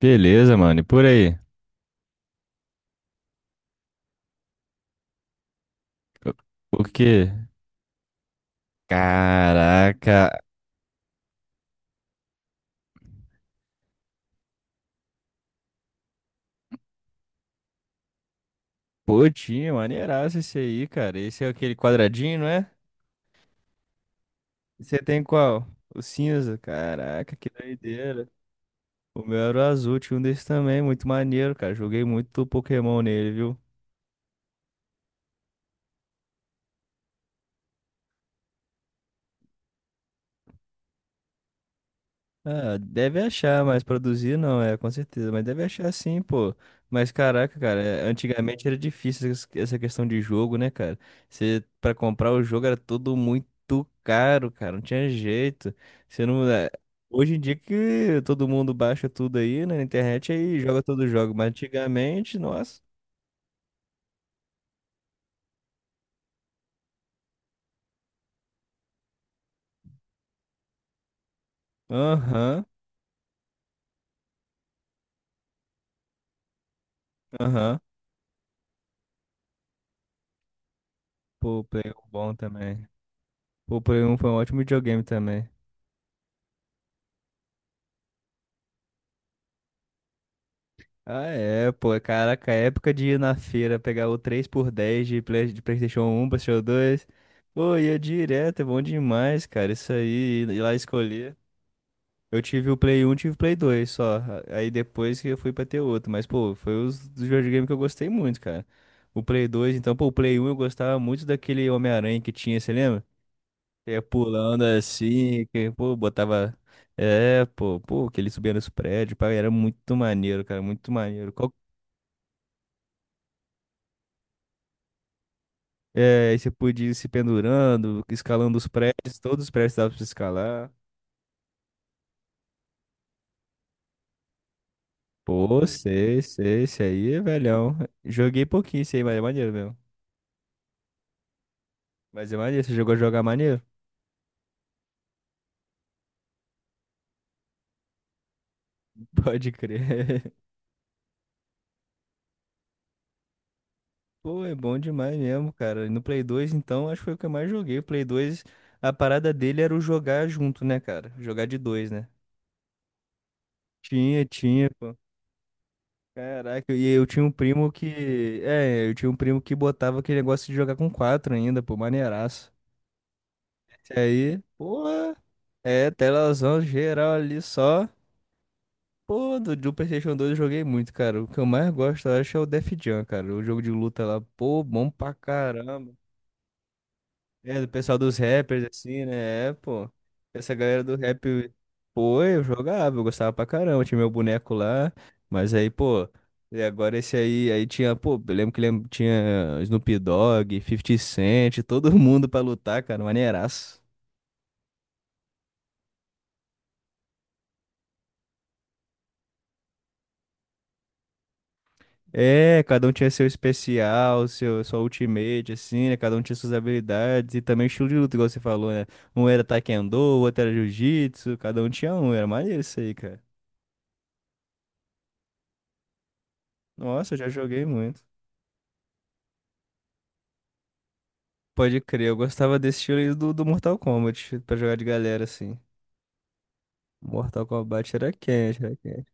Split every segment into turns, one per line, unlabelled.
Beleza, mano. E por aí? O quê? Caraca. Pô, tinha maneiraço esse aí, cara. Esse é aquele quadradinho, não é? Você tem qual? O cinza. Caraca, que doideira. O meu era o azul, tinha um desse também, muito maneiro, cara. Joguei muito Pokémon nele, viu? Ah, deve achar, mas produzir não, é, com certeza. Mas deve achar sim, pô. Mas caraca, cara, é, antigamente era difícil essa questão de jogo, né, cara? Você, pra comprar o jogo era tudo muito caro, cara, não tinha jeito. Você não. É, hoje em dia que todo mundo baixa tudo aí né, na internet aí joga todo jogo, mas antigamente, nossa. Aham, aham. Pô, o Play um bom também. Pô, o Play um foi um ótimo videogame também. Ah, é, pô, caraca, a época de ir na feira pegar o três por dez de, de PlayStation um, PlayStation dois. Pô, ia direto, é bom demais, cara. Isso aí, ir lá escolher. Eu tive o Play um, tive o Play dois, só. Aí depois que eu fui pra ter outro. Mas, pô, foi os dos videogames que eu gostei muito, cara. O Play dois, então, pô, o Play um eu gostava muito daquele Homem-Aranha que tinha, você lembra? Que ia pulando assim, que, pô, botava. É, pô, que ele subia nos prédios, pá, era muito maneiro, cara, muito maneiro. Qual. É, aí você podia ir se pendurando, escalando os prédios, todos os prédios dava pra você escalar. Pô, sei, sei, esse aí é velhão. Joguei pouquinho esse aí, mas é maneiro mesmo. Mas é maneiro, você jogou a jogar maneiro? Pode crer. Pô, é bom demais mesmo, cara. E no Play 2, então, acho que foi o que eu mais joguei. O Play 2, a parada dele era o jogar junto, né, cara? Jogar de dois, né? Tinha, tinha, pô. Caraca, e eu tinha um primo que. É, eu tinha um primo que botava aquele negócio de jogar com quatro ainda, pô, maneiraço. Esse aí, porra, é telazão geral ali só. Pô, do PlayStation 2 eu joguei muito, cara. O que eu mais gosto, eu acho, é o Def Jam, cara. O jogo de luta lá, pô, bom pra caramba. É, do pessoal dos rappers, assim, né? É, pô. Essa galera do rap, pô, eu jogava, eu gostava pra caramba. Tinha meu boneco lá. Mas aí, pô, e agora esse aí, aí tinha, pô, eu lembro que lembro, tinha Snoop Dogg, 50 Cent, todo mundo pra lutar, cara. Maneiraço. É, cada um tinha seu especial, seu, sua ultimate, assim, né? Cada um tinha suas habilidades e também o estilo de luta, igual você falou, né? Um era taekwondo, o outro era jiu-jitsu, cada um tinha um, era maneiro isso aí, cara. Nossa, eu já joguei muito. Pode crer, eu gostava desse estilo aí do, Mortal Kombat, pra jogar de galera, assim. Mortal Kombat era quente, era quente.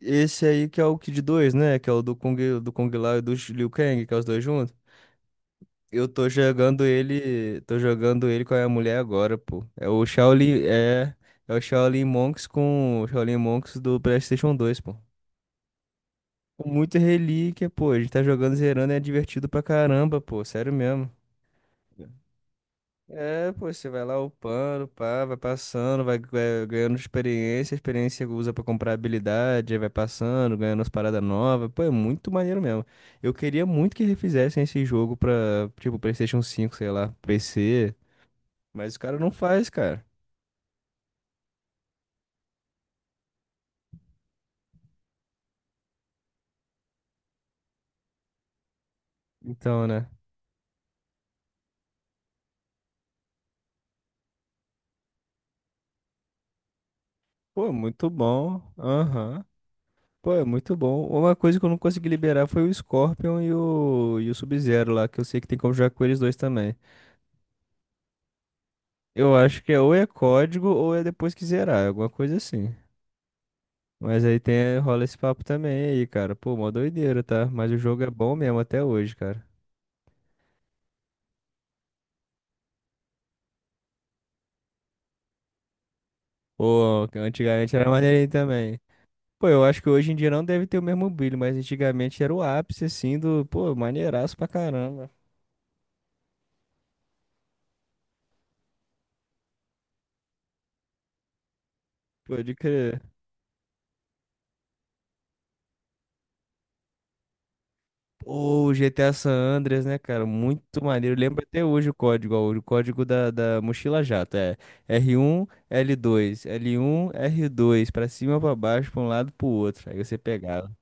Esse aí que é o Kid 2, né? Que é o do Kung Lao e do Liu Kang, que é os dois juntos. Eu tô jogando ele com a minha mulher agora, pô. É o Shaolin, é, é o Shaolin Monks com o Shaolin Monks do PlayStation 2, pô. Com muita relíquia, pô. A gente tá jogando zerando e é divertido pra caramba, pô. Sério mesmo. É, pô, você vai lá upando, pá, vai passando, vai ganhando experiência, a experiência usa pra comprar habilidade, aí vai passando, ganhando as paradas novas, pô, é muito maneiro mesmo. Eu queria muito que refizessem esse jogo pra, tipo, PlayStation cinco sei lá, PC. Mas o cara não faz, cara. Então, né? Pô, muito bom. Aham. Pô, é muito bom. Uma coisa que eu não consegui liberar foi o Scorpion e o, Sub-Zero lá, que eu sei que tem como jogar com eles dois também. Eu acho que é ou é código ou é depois que zerar, alguma coisa assim. Mas aí tem, rola esse papo também aí, cara. Pô, mó doideira, tá? Mas o jogo é bom mesmo até hoje, cara. Pô, que antigamente era maneirinho também. Pô, eu acho que hoje em dia não deve ter o mesmo brilho, mas antigamente era o ápice, assim, do, pô, maneiraço pra caramba. Pode crer. Ô, GTA San Andreas, né, cara? Muito maneiro. Lembro até hoje o código, ó, o código da mochila jato. É R1, L2, L1, R2, pra cima, pra baixo, pra um lado, pro outro. Aí você pegava.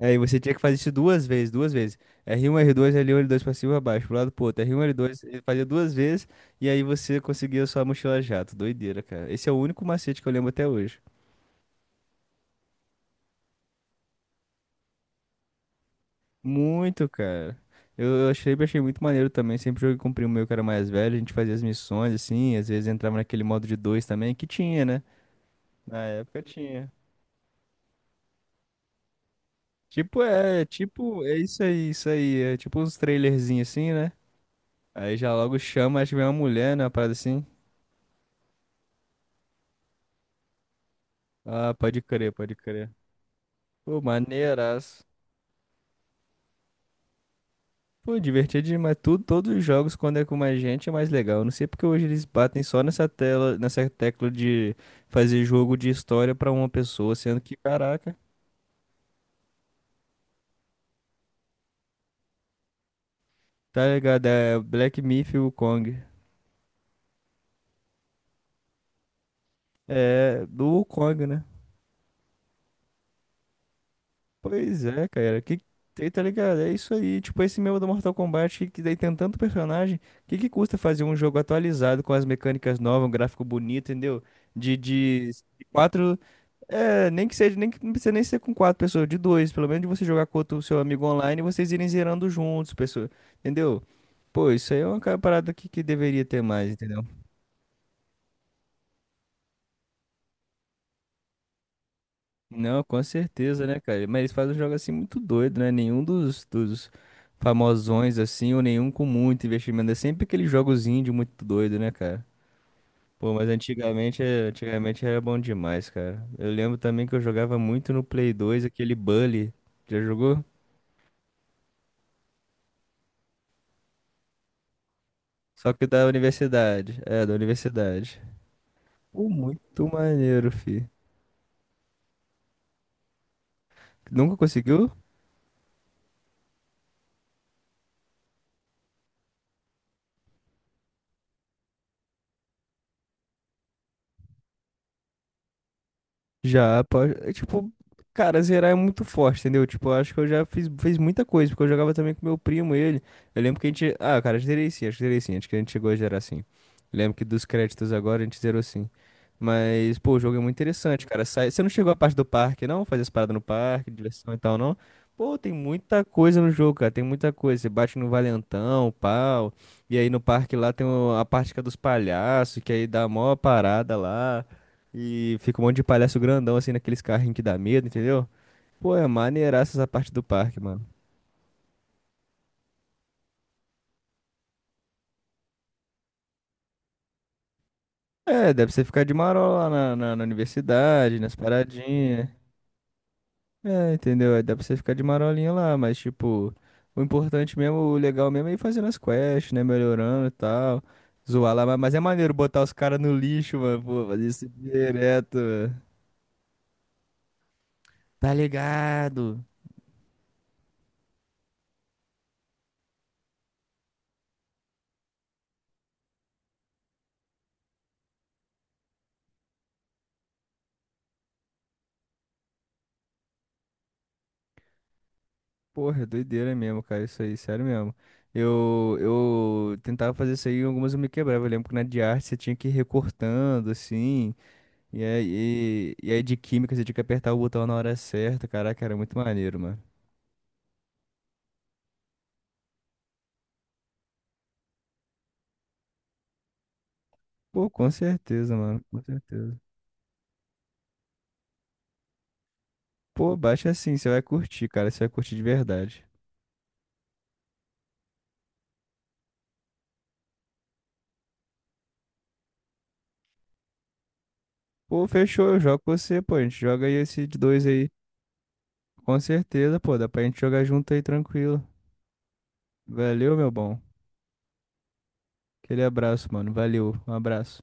Aí você tinha que fazer isso duas vezes, duas vezes. R1, R2, L1, L2, pra cima, pra baixo, pro lado, pro outro. R1, L2, ele fazia duas vezes, e aí você conseguia a sua mochila jato. Doideira, cara. Esse é o único macete que eu lembro até hoje. Muito, cara. Eu achei, achei muito maneiro também. Sempre joguei com o primo meu que era mais velho. A gente fazia as missões, assim. Às vezes entrava naquele modo de dois também, que tinha, né? Na época tinha. Tipo, é isso aí, isso aí. É tipo uns trailerzinhos assim, né? Aí já logo chama, acho que vem uma mulher, né? Uma parada assim. Ah, pode crer, pode crer. Pô, maneiraço. Pô, divertido demais. Tudo, todos os jogos, quando é com mais gente, é mais legal. Eu não sei porque hoje eles batem só nessa tela, nessa tecla de fazer jogo de história pra uma pessoa, sendo que, caraca, tá ligado? É Black Myth e Wukong. É, do Wukong, né? Pois é, cara. Que, tem, tá ligado? É isso aí. Tipo, esse meu do Mortal Kombat, que daí tem tanto personagem. Que custa fazer um jogo atualizado com as mecânicas novas, um gráfico bonito, entendeu? De É, nem que seja, nem que não precisa nem ser com quatro pessoas, de dois, pelo menos de você jogar com o seu amigo online e vocês irem zerando juntos, pessoa, entendeu? Pô, isso aí é uma parada que deveria ter mais, entendeu? Não, com certeza, né, cara? Mas eles fazem um jogo assim muito doido, né? Nenhum dos famosões assim, ou nenhum com muito investimento. É sempre aquele jogozinho de muito doido, né, cara? Pô, mas antigamente, antigamente era bom demais, cara. Eu lembro também que eu jogava muito no Play 2 aquele Bully. Já jogou? Só que da universidade. É, da universidade. Pô, muito maneiro, fi. Nunca conseguiu? Já, pode. É, tipo, cara, zerar é muito forte, entendeu? Tipo, eu acho que eu já fiz muita coisa, porque eu jogava também com meu primo, ele. Eu lembro que a gente. Ah, cara, zerei sim, acho que zerei sim, acho que a gente chegou a zerar sim. Lembro que dos créditos agora a gente zerou sim. Mas, pô, o jogo é muito interessante, cara. Você não chegou à parte do parque, não? Fazer as paradas no parque, diversão e tal, não? Pô, tem muita coisa no jogo, cara. Tem muita coisa. Você bate no valentão, pau. E aí no parque lá tem a parte que é dos palhaços, que aí dá a maior parada lá. E fica um monte de palhaço grandão assim naqueles carrinhos que dá medo, entendeu? Pô, é maneiraça essa parte do parque, mano. É, dá pra você ficar de marola lá na, na universidade, nas paradinhas. É, entendeu? Aí dá pra você ficar de marolinha lá, mas tipo, o importante mesmo, o legal mesmo é ir fazendo as quests, né? Melhorando e tal. Zoar lá, mas é maneiro botar os caras no lixo, mano. Pô, fazer isso direto, mano. Tá ligado? Porra, doideira mesmo, cara, isso aí, sério mesmo. Eu tentava fazer isso aí, e algumas eu me quebrava. Eu lembro que na de arte você tinha que ir recortando, assim, e aí, de química você tinha que apertar o botão na hora certa. Caraca, era muito maneiro, mano. Pô, com certeza, mano, com certeza. Pô, baixa assim, você vai curtir, cara, você vai curtir de verdade. Pô, fechou, eu jogo com você, pô, a gente joga aí esse de dois aí. Com certeza, pô, dá pra gente jogar junto aí tranquilo. Valeu, meu bom. Aquele abraço, mano, valeu, um abraço.